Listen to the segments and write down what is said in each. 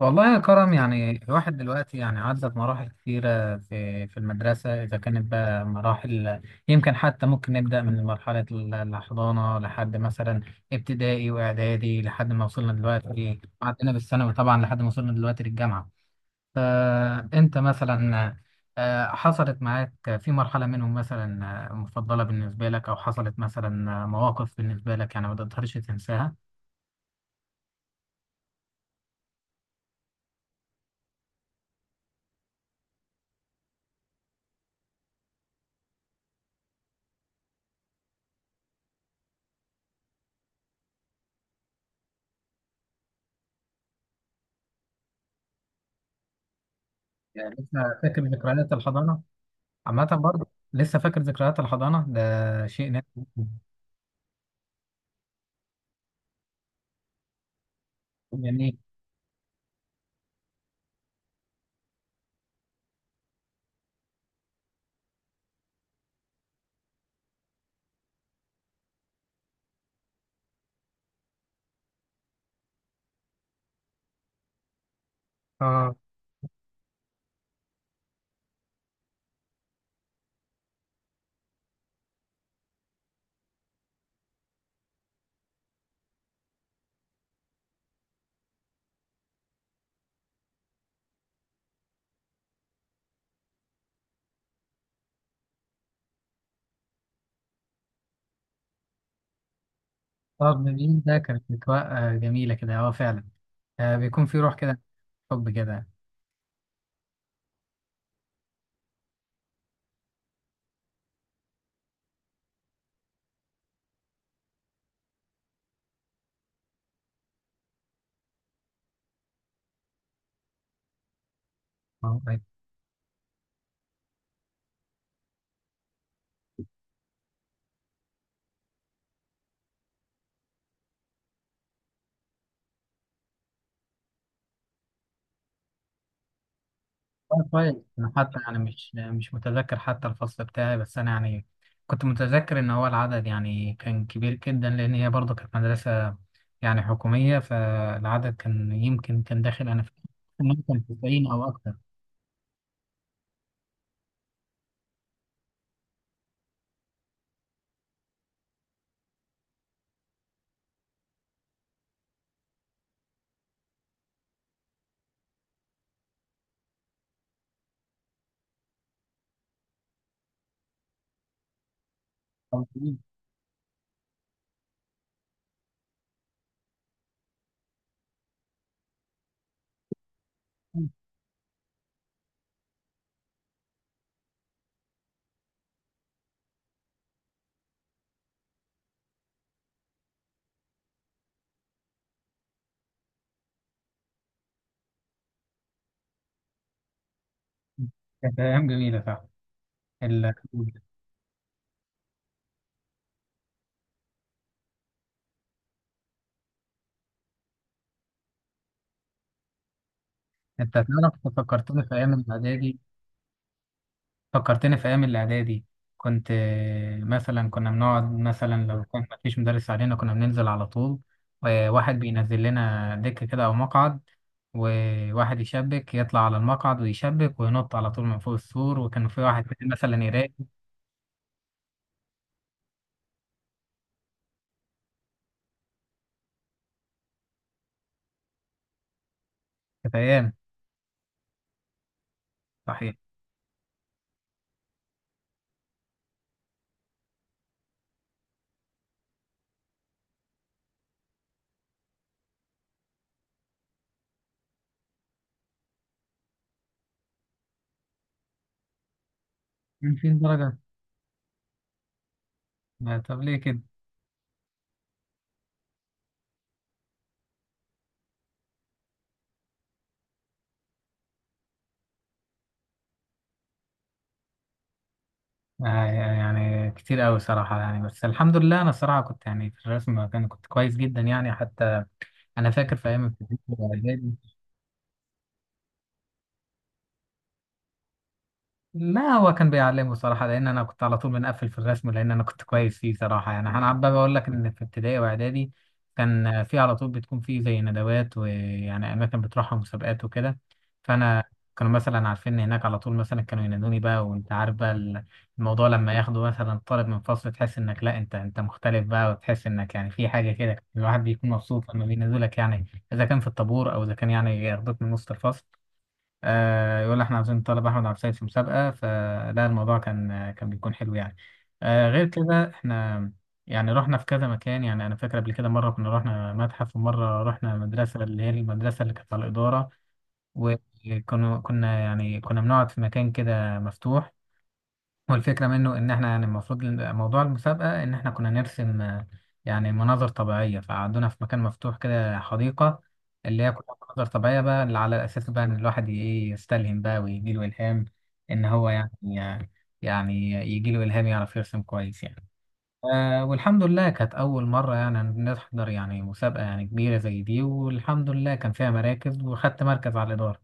والله يا كرم، يعني الواحد دلوقتي يعني عدى بمراحل كثيرة في المدرسة، إذا كانت بقى مراحل. يمكن حتى ممكن نبدأ من مرحلة الحضانة لحد مثلا ابتدائي وإعدادي، لحد ما وصلنا دلوقتي عدينا بالثانوي، طبعا لحد ما وصلنا دلوقتي للجامعة. فأنت مثلا حصلت معاك في مرحلة منهم مثلا مفضلة بالنسبة لك؟ أو حصلت مثلا مواقف بالنسبة لك يعني ما تقدرش تنساها؟ يعني لسه فاكر ذكريات الحضانة؟ عامة برضه. لسه فاكر ذكريات الحضانة ده شيء نادر. جميل. اه، طب جميل، ده كانت أجواء جميلة كده، اه فعلا. آه، بيكون في روح كده، حب كده. اه طيب. كويس. أنا حتى يعني مش متذكر حتى الفصل بتاعي، بس أنا يعني كنت متذكر إن هو العدد يعني كان كبير جدا، لأن هي برضه كانت مدرسة يعني حكومية، فالعدد كان يمكن كان داخل. أنا فاكر إن هو كان 90 أو أكتر أو 80. كانت أيام جميلة فعلا. انت تعرف، فكرتني في ايام الاعدادي، فكرتني في ايام الاعدادي. كنت مثلا كنا بنقعد مثلا لو كان ما فيش مدرس علينا، كنا بننزل على طول، وواحد بينزل لنا دكة كده او مقعد، وواحد يشبك، يطلع على المقعد ويشبك وينط على طول من فوق السور، وكان في واحد تاني مثلا يراقب. كانت ايام. صحيح. كان في درجة؟ طب ليه كده؟ يعني كتير قوي صراحة يعني، بس الحمد لله انا الصراحة كنت يعني في الرسم كان كنت كويس جدا يعني. حتى انا فاكر في ايام ابتدائي واعدادي، ما هو كان بيعلمه صراحه، لان انا كنت على طول بنقفل في الرسم، لان انا كنت كويس فيه صراحه يعني. انا عمال بقول لك ان في ابتدائي واعدادي كان في على طول بتكون في زي ندوات، ويعني اماكن بتروحها مسابقات وكده. فانا كانوا مثلا عارفين ان هناك، على طول مثلا كانوا ينادوني بقى. وانت عارف بقى الموضوع لما ياخدوا مثلا طالب من فصل، تحس انك لا انت مختلف بقى، وتحس انك يعني في حاجه كده، الواحد بيكون مبسوط لما بينادوا لك يعني، اذا كان في الطابور او اذا كان يعني ياخدوك من وسط الفصل. يقول احنا عاوزين نطلب احمد عبد السيد في مسابقه، فلا الموضوع كان بيكون حلو يعني. غير كده احنا يعني رحنا في كذا مكان. يعني انا فاكر قبل كده مره كنا رحنا متحف، ومره رحنا مدرسه اللي هي المدرسه اللي كانت على الاداره، وكنا كنا يعني كنا بنقعد في مكان كده مفتوح. هو الفكرة منه إن إحنا يعني المفروض موضوع المسابقة إن إحنا كنا نرسم يعني مناظر طبيعية، فقعدونا في مكان مفتوح كده حديقة، اللي هي كلها مناظر طبيعية بقى، اللي على أساس بقى إن الواحد إيه يستلهم بقى ويجيله إلهام. إن هو يعني يعني يجيله إلهام، يعرف يرسم كويس يعني. آه والحمد لله كانت أول مرة يعني نحضر يعني مسابقة يعني كبيرة زي دي، والحمد لله كان فيها مراكز وخدت مركز على الإدارة.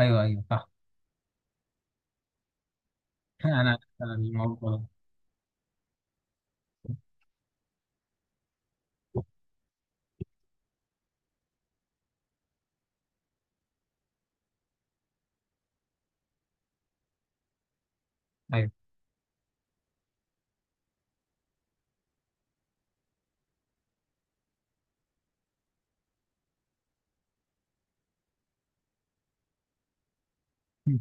أيوه أيوه، صح. أنا الموضوع ده.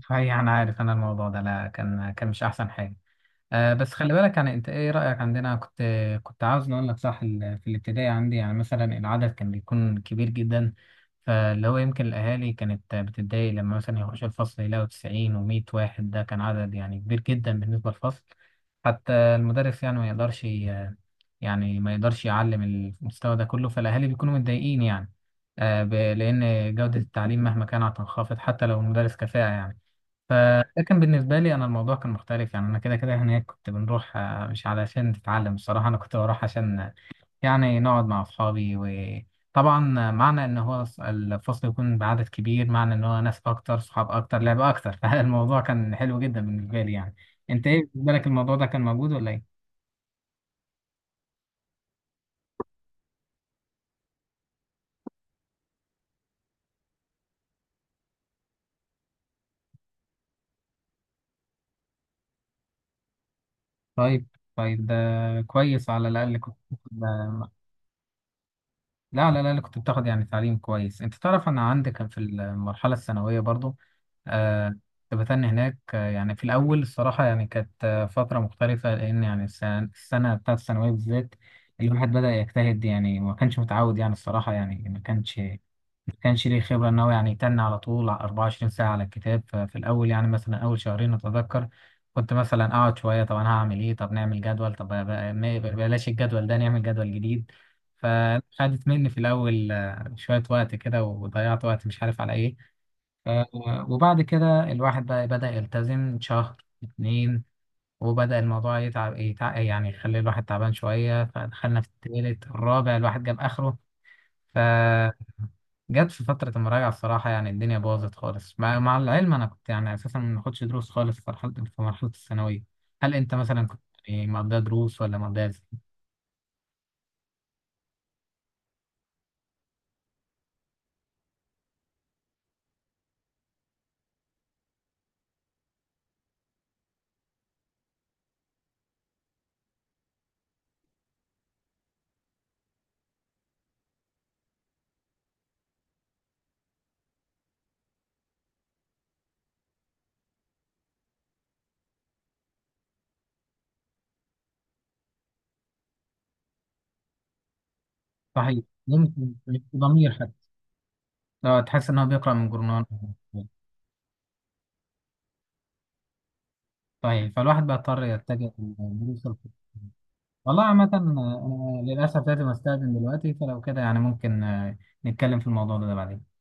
صحيح، انا عارف انا الموضوع ده، لا كان مش احسن حاجه. أه، بس خلي بالك يعني. انت ايه رايك؟ عندنا كنت عاوز اقول لك، صح في الابتدائي عندي يعني مثلا العدد كان بيكون كبير جدا، فاللي هو يمكن الاهالي كانت بتتضايق لما مثلا يخش الفصل يلاقوا 90 و100 واحد، ده كان عدد يعني كبير جدا بالنسبه للفصل. حتى المدرس يعني ما يقدرش يعني ما يقدرش يعلم المستوى ده كله، فالاهالي بيكونوا متضايقين يعني. أه، لان جوده التعليم مهما كانت هتنخفض، حتى لو المدرس كفاءه يعني. فلكن بالنسبة لي أنا الموضوع كان مختلف يعني. أنا كده كده هناك كنت بنروح مش علشان تتعلم الصراحة، أنا كنت بروح عشان يعني نقعد مع أصحابي. وطبعا معنى إن هو الفصل يكون بعدد كبير، معنى إن هو ناس أكتر، صحاب أكتر، لعبة أكتر. فالموضوع كان حلو جدا بالنسبة لي يعني. أنت إيه بالنسبة لك الموضوع ده كان موجود ولا إيه؟ طيب. طيب، ده كويس، على الأقل كنت بتاخد- لا على الأقل كنت بتاخد يعني تعليم كويس. أنت تعرف، أنا عندي كان في المرحلة الثانوية برضو، آه، كنت بتني هناك. يعني في الأول الصراحة يعني كانت فترة مختلفة، لأن يعني السنة بتاعت الثانوية بالذات الواحد بدأ يجتهد يعني، وما كانش متعود يعني الصراحة يعني، ما كانش ليه خبرة إن هو يعني يتني على طول على 24 ساعة على الكتاب. ففي الأول يعني مثلا أول شهرين أتذكر كنت مثلا أقعد شوية، طب أنا هعمل إيه، طب نعمل جدول، طب بلاش الجدول ده، نعمل جدول جديد. فخدت مني في الأول شوية وقت كده، وضيعت وقت مش عارف على إيه. آه، وبعد كده الواحد بقى بدأ يلتزم شهر اتنين، وبدأ الموضوع يتعب يعني يخلي الواحد تعبان شوية. فدخلنا في التالت الرابع الواحد جاب آخره، فجت في فترة المراجعة الصراحة يعني الدنيا باظت خالص، مع العلم أنا كنت يعني أساسا ما باخدش دروس خالص في مرحلة الثانوية. هل أنت مثلا كنت يعني مقضيها دروس ولا مقضيها إزاي؟ صحيح، يمكن مش ضمير حتى. لو تحس إن هو بيقرأ من جورنال. صحيح، فالواحد بقى اضطر يتجه للدروس الخصوصية. والله عامة للأسف لازم أستأذن دلوقتي، فلو كده يعني ممكن نتكلم في الموضوع ده بعدين.